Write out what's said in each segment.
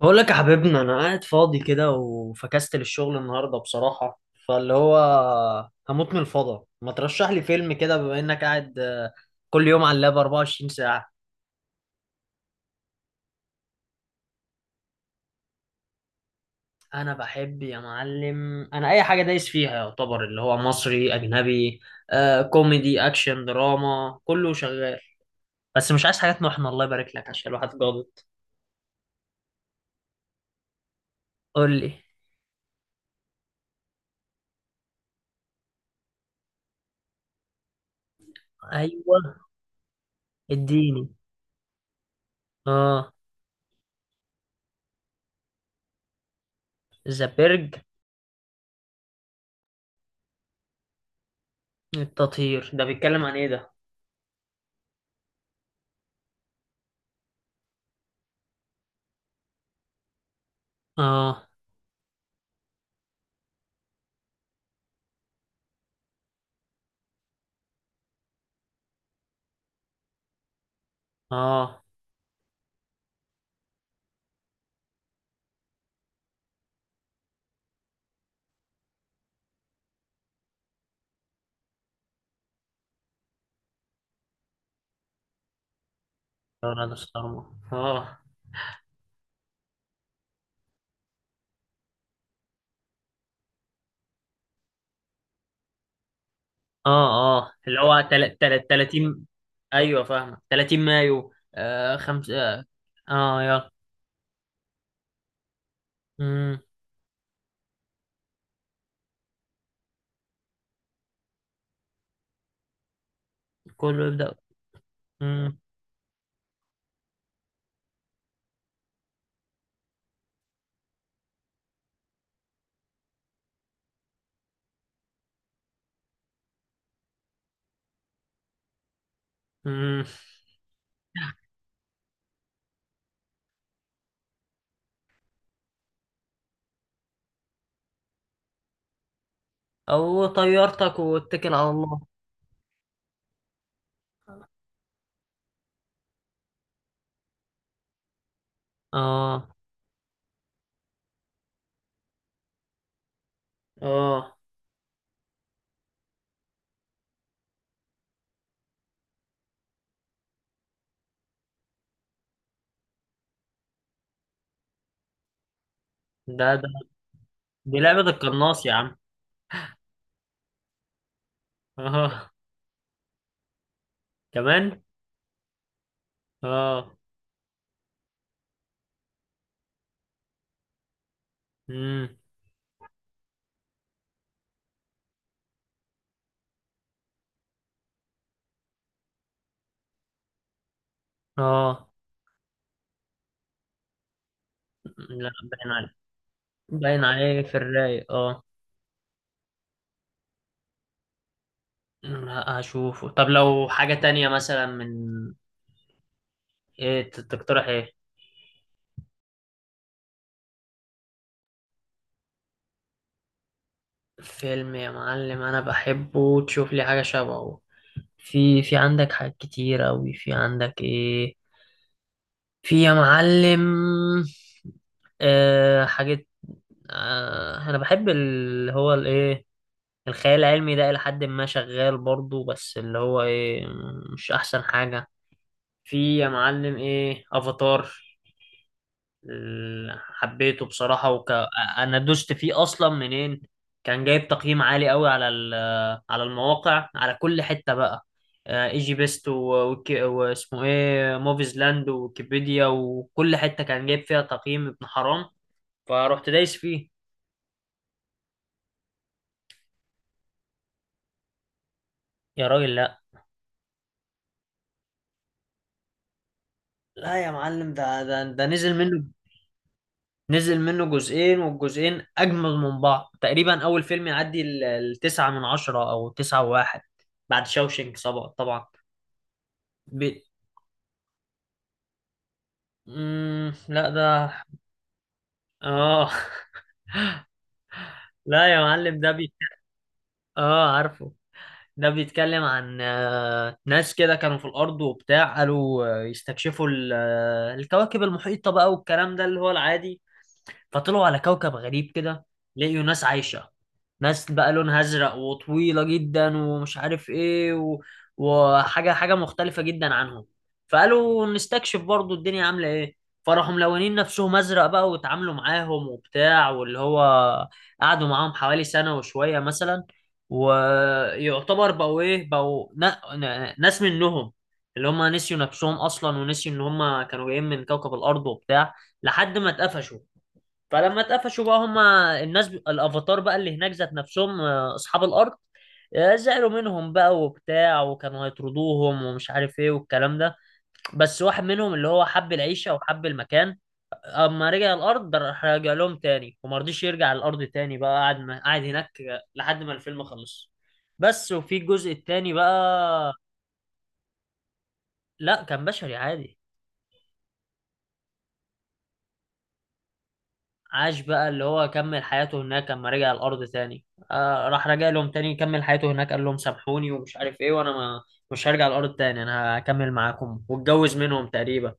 بقول لك يا حبيبنا، انا قاعد فاضي كده وفكست للشغل النهارده بصراحه. فاللي هو هموت من الفضا، ما ترشح لي فيلم كده بما انك قاعد. كل يوم على اللاب 24 ساعه. انا بحب يا معلم، انا اي حاجه دايس فيها يعتبر اللي هو مصري اجنبي. كوميدي اكشن دراما كله شغال. بس مش عايز حاجات محنه الله يبارك لك عشان الواحد جابط. قول لي. ايوه، اديني. اه. ذا بيرج. التطهير ده بيتكلم عن ايه ده؟ اه اه. ليوناردو ستارما. اه اه اه. اللي هو 30. ايوه فاهمه، 30 مايو. خمسة. اه. يلا. امم كله يبدأ. امم امم او طيارتك واتكل على الله. اه اه. ده. دي لعبة القناص يا عم. اه. كمان. اه. امم اه. لا، باين عليك. باين عليه في الرايق، اه. لا هشوفه. طب لو حاجة تانية، مثلا تقترح ايه؟ فيلم يا معلم انا بحبه تشوف لي حاجه شبهه؟ في عندك حاجات كتير اوي. في عندك ايه؟ في يا معلم. آه، حاجات. آه، انا بحب اللي هو الايه، الخيال العلمي ده الى حد ما شغال برضو، بس اللي هو ايه، مش احسن حاجه. في يا معلم ايه، افاتار. حبيته بصراحة أنا دوست فيه أصلا. منين؟ كان جايب تقييم عالي قوي على على المواقع، على كل حتة بقى. ايجي بيست واسمه ايه، موفيز لاند، ويكيبيديا، وكل حتة كان جايب فيها تقييم ابن حرام. فروحت دايس فيه. يا راجل لا. لا يا معلم، ده نزل منه. نزل منه جزئين، والجزئين أجمل من بعض تقريبا. أول فيلم يعدي التسعة من عشرة، أو تسعة وواحد، بعد شاوشنك طبعا. لا ده. اه. لا يا معلم، ده بي. اه عارفه. ده بيتكلم عن ناس كده كانوا في الارض وبتاع، قالوا يستكشفوا الكواكب المحيطه بقى، والكلام ده اللي هو العادي. فطلعوا على كوكب غريب كده، لقيوا ناس عايشة. ناس بقى لونها أزرق وطويلة جدا، ومش عارف إيه و... وحاجة حاجة مختلفة جدا عنهم. فقالوا نستكشف برضو الدنيا عاملة إيه. فراحوا ملونين نفسهم أزرق بقى، واتعاملوا معاهم وبتاع، واللي هو قعدوا معاهم حوالي سنة وشوية مثلا. ويعتبر بقوا إيه، بقوا ناس منهم، اللي هم نسيوا نفسهم أصلا ونسيوا إن هم كانوا جايين من كوكب الأرض وبتاع، لحد ما اتقفشوا. فلما اتقفشوا بقى، هما الناس الافاتار بقى اللي هناك، ذات نفسهم، اصحاب الارض زعلوا منهم بقى وبتاع، وكانوا هيطردوهم ومش عارف ايه والكلام ده. بس واحد منهم اللي هو حب العيشه وحب المكان، اما رجع الارض ده، راح رجع لهم تاني، وما رضيش يرجع الارض تاني بقى. قعد قاعد هناك لحد ما الفيلم خلص. بس. وفي الجزء التاني بقى، لا كان بشري عادي، عاش بقى اللي هو كمل حياته هناك. لما رجع الأرض تاني، آه راح رجع لهم تاني، كمل حياته هناك، قال لهم سامحوني ومش عارف ايه، وانا ما، مش هرجع الأرض تاني، انا هكمل معاكم، واتجوز منهم تقريبا.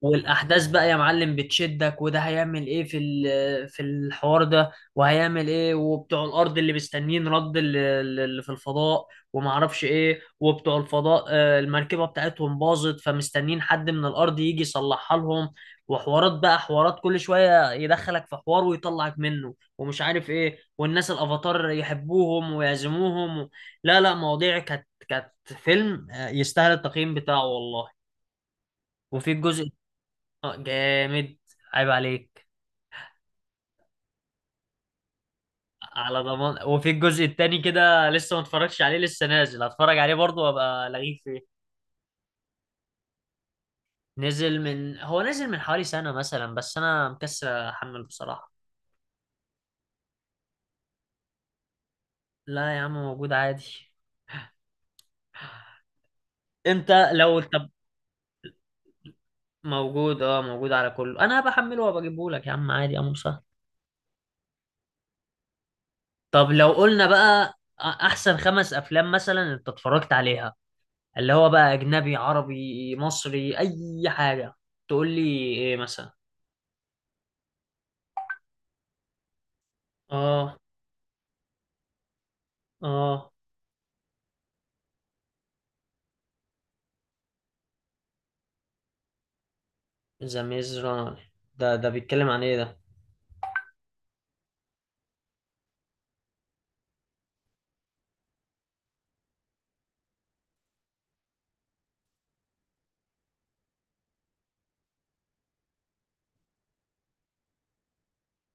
والاحداث بقى يا معلم بتشدك، وده هيعمل ايه في في الحوار ده، وهيعمل ايه، وبتوع الارض اللي مستنيين رد اللي في الفضاء، وما اعرفش ايه. وبتوع الفضاء المركبه بتاعتهم باظت، فمستنيين حد من الارض يجي يصلحها لهم. وحوارات بقى، حوارات كل شويه يدخلك في حوار ويطلعك منه ومش عارف ايه، والناس الافاتار يحبوهم ويعزموهم و... لا لا، مواضيع كانت، فيلم يستاهل التقييم بتاعه والله. وفي الجزء. اه جامد. عيب عليك. على ضمان. وفي الجزء التاني كده لسه ما اتفرجتش عليه، لسه نازل، هتفرج عليه برضه وابقى لغيك فيه. نزل من، هو نزل من حوالي سنة مثلا، بس انا مكسل احمل بصراحة. لا يا عم موجود عادي. انت لو، طب موجود، اه موجود على كله، انا بحمله وبجيبه لك يا عم، عادي يا عم سهل. طب لو قلنا بقى، احسن خمس افلام مثلا انت اتفرجت عليها، اللي هو بقى اجنبي، عربي، مصري، اي حاجة. تقول لي ايه مثلا؟ اه. اه ذا ميز رانر. ده بيتكلم عن ايه ده؟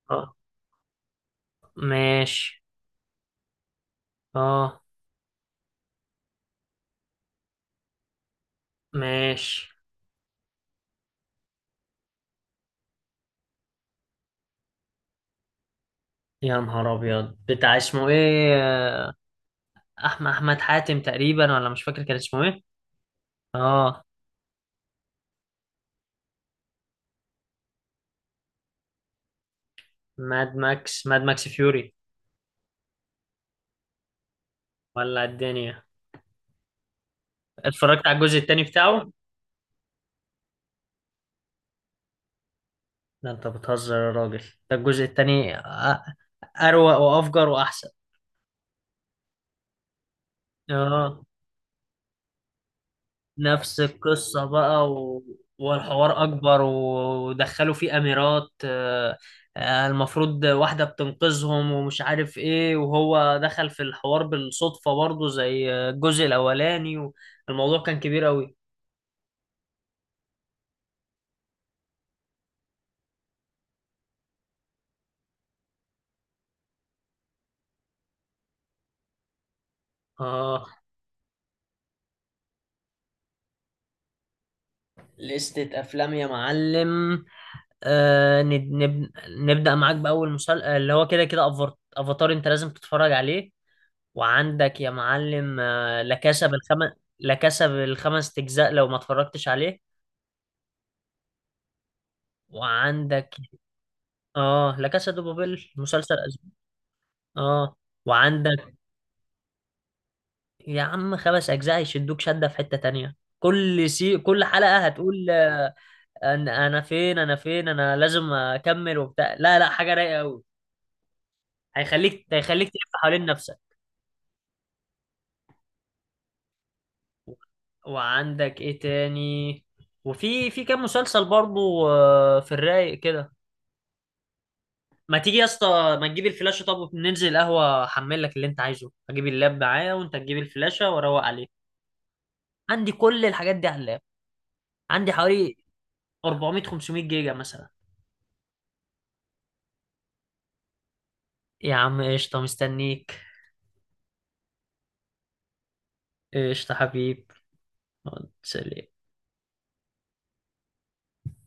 اه ماشي. اه ماشي. يا نهار ابيض، بتاع اسمه ايه، احمد، احمد حاتم تقريبا، ولا مش فاكر كان اسمه ايه. اه. ماد ماكس، ماد ماكس فيوري، ولا الدنيا. اتفرجت على الجزء التاني بتاعه. ده انت بتهزر يا راجل، ده الجزء التاني اروق وافجر واحسن. اه نفس القصة بقى و... والحوار أكبر ودخلوا فيه أميرات، المفروض واحدة بتنقذهم ومش عارف إيه، وهو دخل في الحوار بالصدفة برضه زي الجزء الأولاني، والموضوع كان كبير أوي. آه. لستة أفلام يا معلم. آه نبدأ معاك بأول مسلسل اللي هو كده كده، أفاتار أنت لازم تتفرج عليه. وعندك يا معلم لا كاسا بالخمس. لا كاسا بالخمس اجزاء لو ما اتفرجتش عليه. وعندك اه، لا كاسا دو بابيل، مسلسل اسباني. اه. وعندك يا عم، خمس اجزاء يشدوك شدة في حتة تانية. كل سي، كل حلقة هتقول انا انا فين، انا لازم اكمل وبتاع، لا لا، حاجة رايقة قوي. هيخليك تلف حوالين نفسك. وعندك ايه تاني؟ وفي كام مسلسل برضو آه، في الرايق كده. ما تيجي يا اسطى، ما تجيب الفلاشة، طب ننزل القهوة، احمل لك اللي انت عايزه، اجيب اللاب معايا وانت تجيب الفلاشة واروق عليه. عندي كل الحاجات دي على اللاب. عندي حوالي 400 500 جيجا مثلا. يا عم قشطة، مستنيك. قشطة حبيب. سلام.